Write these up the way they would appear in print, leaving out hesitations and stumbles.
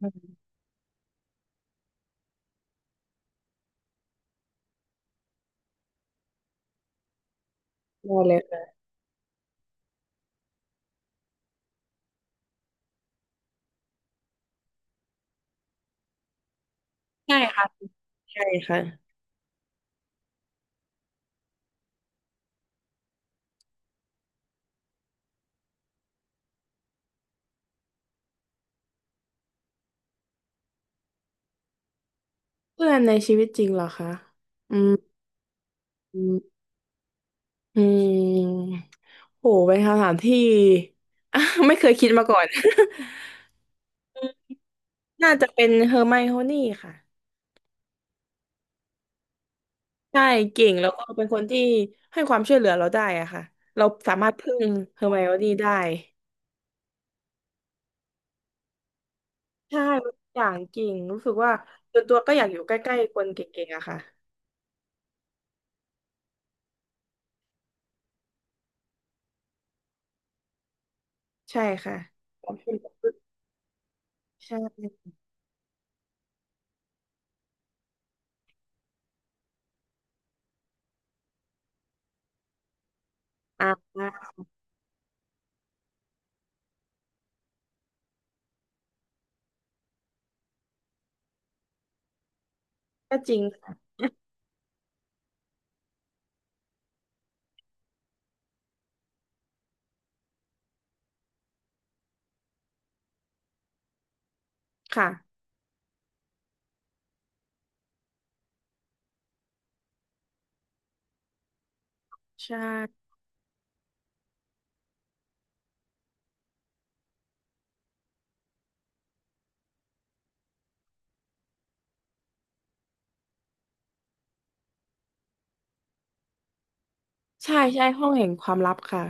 อืมได้เลยค่ะใช่ค่ะเพื่อนในชีวิตจริงเหรอคะอืมอืมอืมโหเป็นคำถามที่ ไม่เคยคิดมาก่อน น่าจะเป็นเฮอร์ไมโอนี่ค่ะใช่เก่งแล้วก็เป็นคนที่ให้ความช่วยเหลือเราได้อะค่ะเราสามารถพึ่งเฮอร์ไมโอนี่ได้ใช่อย่างเก่งรู้สึกว่าส่วนตัวก็อยากอยู่ใกล้ๆคนเก่งๆอะค่ะใช่ค่ะความช่วยเหลือใช่อ่าก็จริงค่ะค่ะใช่ ใช่ใช่ห้องแห่งความลับค่ะ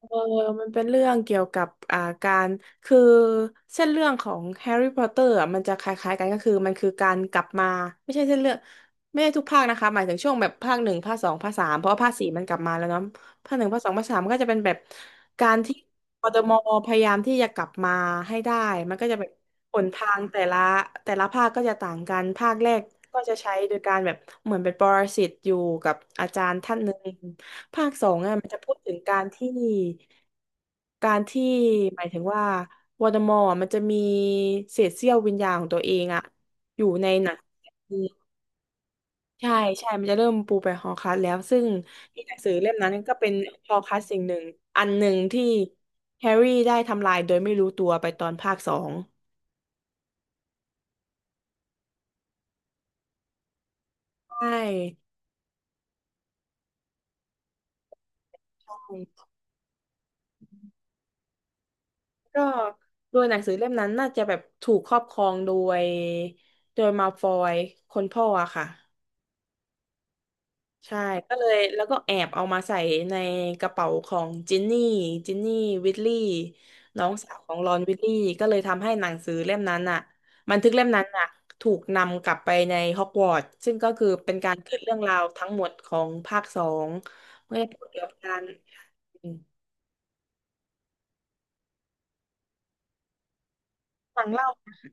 เออมันเป็นเรื่องเกี่ยวกับการคือเส้นเรื่องของแฮร์รี่พอตเตอร์อ่ะมันจะคล้ายๆกันก็คือมันคือการกลับมาไม่ใช่เส้นเรื่องไม่ใช่ทุกภาคนะคะหมายถึงช่วงแบบภาคหนึ่งภาคสองภาคสามเพราะว่าภาคสี่มันกลับมาแล้วเนาะ ภาคหนึ่งภาคสองภาคสามมันก็จะเป็นแบบการที่กทมพยายามที่จะกลับมาให้ได้มันก็จะแบบหนทางแต่ละแต่ละภาคก็จะต่างกันภาคแรกก็จะใช้โดยการแบบเหมือนเป็นปรสิตอยู่กับอาจารย์ท่านหนึ่งภาคสองอ่ะมันจะพูดถึงการที่หมายถึงว่าวอร์มอร์มันจะมีเศษเสี้ยววิญญาณของตัวเองอ่ะอยู่ในหนัง ใช่ใช่ มันจะเริ่มปูไปฮอลคัสแล้ว ซึ่งในหนังสือเล่มนั้นก็เป็นฮอลคัสสิ่งหนึ่งอันหนึ่งที่แฮร์รี่ได้ทำลายโดยไม่รู้ตัวไปตอนภาคสองใช่ก็โดยหนังสือเล่มนั้นน่าจะแบบถูกครอบครองยโดยมาฟอยคนพ่ออะค่ะ ใช่ก็เลยแล้วก็แอบเอามาใส่ในกระเป๋าของจินนี่จินนี่วิทลี่น้องสาวของรอนวิทลี่ก็เลยทำให้หนังสือเล่มนั้นอ่ะบันทึกเล่มนั้นอ่ะถูกนำกลับไปในฮอกวอตส์ซึ่งก็คือเป็นการขึ้นเรื่องราวทั้งหมดของภาคสองเมื่อพูดเกี่ยวกับการหนังเล่า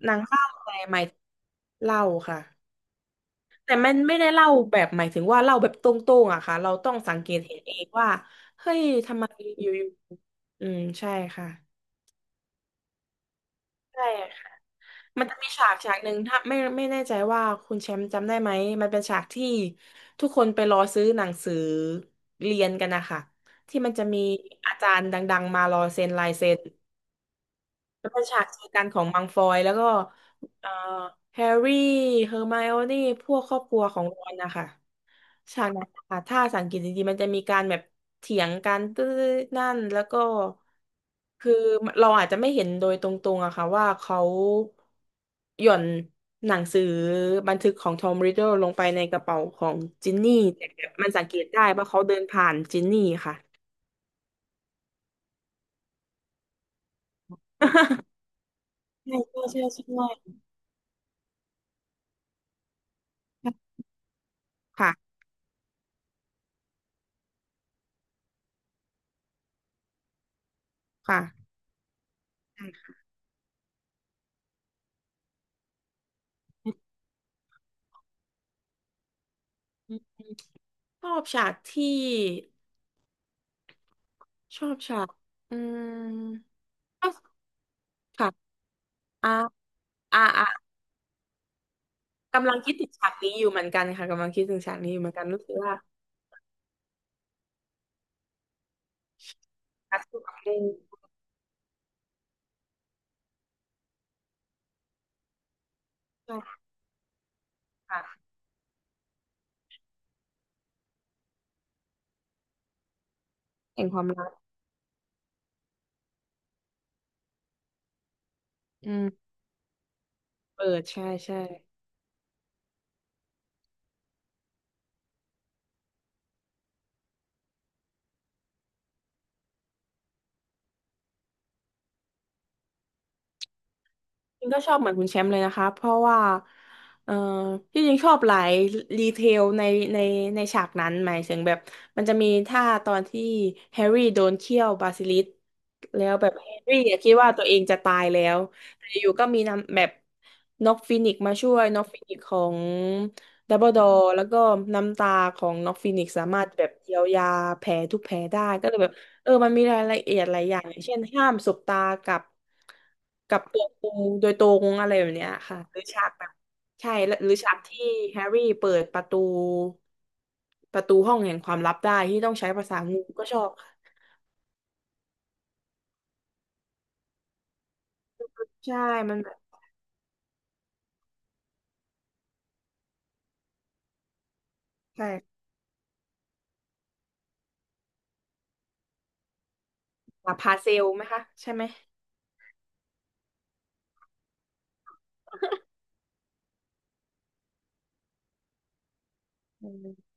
หนังเล่าอะไรใหม่เล่าค่ะ แต่มันไม่ได้เล่าแบบหมายถึงว่าเล่าแบบตรงๆอะค่ะเราต้องสังเกตเห็นเองว่าเฮ้ยทำไมอยู่ๆอืมใช่ค่ะใช่ค่ะมันจะมีฉากฉากหนึ่งถ้าไม่แน่ใจว่าคุณแชมป์จำได้ไหมมันเป็นฉากที่ทุกคนไปรอซื้อหนังสือเรียนกันนะคะที่มันจะมีอาจารย์ดังๆมารอเซ็นลายเซ็นมันเป็นฉากเจอกันของมังฟอยแล้วก็เอ่อแฮร์รี่เฮอร์ไมโอนี่พวกครอบครัวของรอนนะคะ ฉากนั้นค่ะถ้าสังเกตดีๆมันจะมีการแบบเถียงกันตื้อนั่นแล้วก็คือเราอาจจะไม่เห็นโดยตรงๆอะค่ะว่าเขาหย่อนหนังสือบันทึกของทอมริดเดิลลงไปในกระเป๋าของจินนี่แต่มันสังเกตได้ว่าเขาเดินผ่านจินนี่ค่ะ ใช่ใช่ใช่ใช่ค่ะค่ะใช่ค่ะอืมชอบฉากที่ชอบฉากอืมชอบค่ะอ่าอ่าอ่า กำลังคิดถึงฉากนี้อยู่เหมือนกันค่ะกำลังคิดถึงฉากนี้อยู่เหมือนกันรู้สึกว่าการสู้กับเรื่องใช่ค่ะแห่งความรักอืมเปิดใช่ใช่ จริงก็ชอบเหมือนคุณแชมป์เลยนะคะเพราะว่าเออที่จริงชอบหลายรีเทลในในฉากนั้นหมายถึงแบบมันจะมีท่าตอนที่แฮร์รี่โดนเคี่ยวบาซิลิสก์แล้วแบบแฮร์รี่อะคิดว่าตัวเองจะตายแล้วแต่อยู่ก็มีนำแบบน็อกฟินิกซ์มาช่วยน็อกฟินิกซ์ของดัมเบิลดอร์แล้วก็น้ำตาของน็อกฟินิกซ์สามารถแบบเยียวยาแผลทุกแผลได้ก็เลยแบบ เออมันมีรายละเอียดหลายอย่างอย่าง เช่นห้ามสบตากับกับตัวกูโดยตรงอะไรแบบเนี้ยค่ะหรือฉากแบบใช่แล้วหรือฉากที่แฮร์รี่เปิดประตูห้องแห่งความลับได้ที่ต้องใช้ภาษางูก็ชอบค่ะใช่ มันแบบใช่ค่ะพาเซลไหมคะใช่ไหมอืม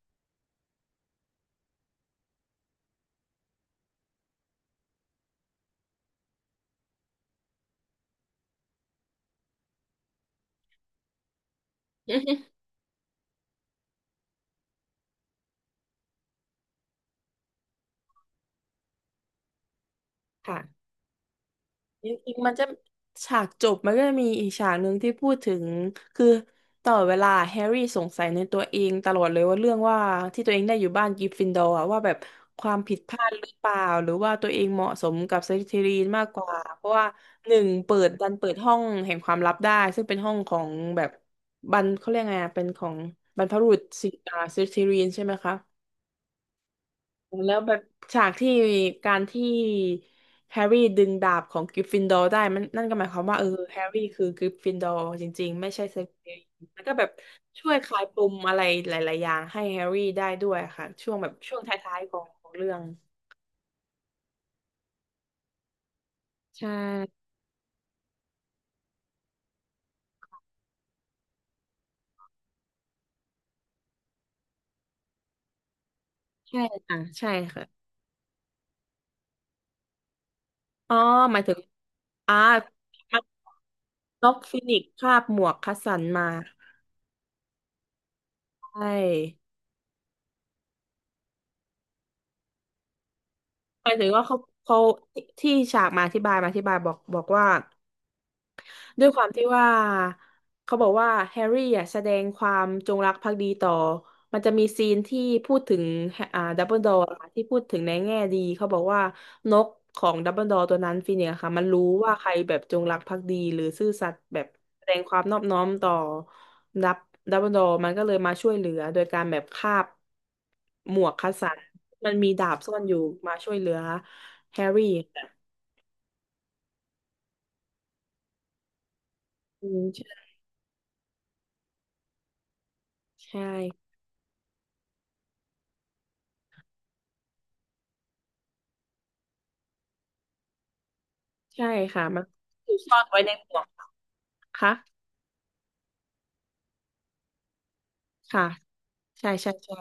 ค่ะ จริงๆมันจะฉากจบมันก็จะมีอีกฉากหนึ่งที่พูดถึงคือตลอดเวลาแฮร์รี่สงสัยในตัวเองตลอดเลยว่าเรื่องว่าที่ตัวเองได้อยู่บ้านกริฟฟินดอร์อะว่าแบบความผิดพลาดหรือเปล่าหรือว่าตัวเองเหมาะสมกับสลิธีรินมากกว่าเพราะว่าหนึ่งเปิดดันเปิดห้องแห่งความลับได้ซึ่งเป็นห้องของแบบบรรเขาเรียกไงอะเป็นของบรรพบุรุษสิอ่าสลิธีรินใช่ไหมคะ แล้วแบบฉากที่การที่แฮร์รี่ดึงดาบของกริฟฟินดอร์ได้มันนั่นก็หมายความว่าเออแฮร์รี่คือกริฟฟินดอร์จริงๆไม่ใช่เซเปียแล้วก็แบบช่วยคลายปมอะไรหลายๆอย่างให้แฮร์รี่ได้ด้วยค่ะช่วงแบบช่วงท้ายๆของของเรื่องใช่ใช่ค่ะใช่ค่ะอ๋อหมายถึงอ่ามันน็อกฟินิกซ์คาบหมวกคัสสันมาใช่หมายถึงว่าเขาเขาที่ที่ฉากมาอธิบายบอกว่า ด้วยความที่ว่าเขาบอกว่าแฮร์รี่อ่ะแสดงความจงรักภักดีต่อมันจะมีซีนที่พูดถึงดัมเบิลดอร์ที่พูดถึงในแง่ดีเขาบอกว่านกของดัมเบิลดอร์ตัวนั้นฟีนิกซ์อะค่ะมันรู้ว่าใครแบบจงรักภักดีหรือซื่อสัตย์แบบแสดงความนอบน้อมต่อดับดัมเบิลดอร์มันก็เลยมาช่วยเหลือโดยการแบบคาบหมวกคัสสันมันมีดาบซ่อนอยู่มาช่วยเหลือแฮร์รี่อืมใช่ใช่ ใช่ค่ะมันถูกซ่อนไว้ในหมวกค่ะค่ะใช่ใช่ใช่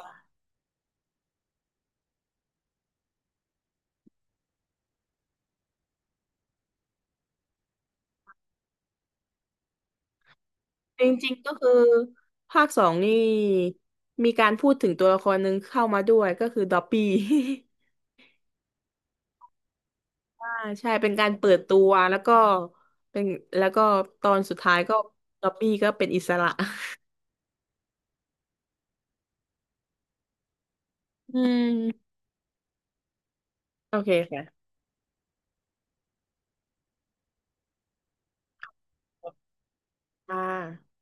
จริงๆก็คือภาคสองนี่มีการพูดถึงตัวละครหนึ่งเข้ามาด้วยก็คือดอปปี้ อ่า ใช่เป็นการเปิดตัวแล้วก็เป็นแล้วก็ตอนสุดท้ายก็ดอปปี้ก็เป็นอิสระอืมโอเคค่ะอ่า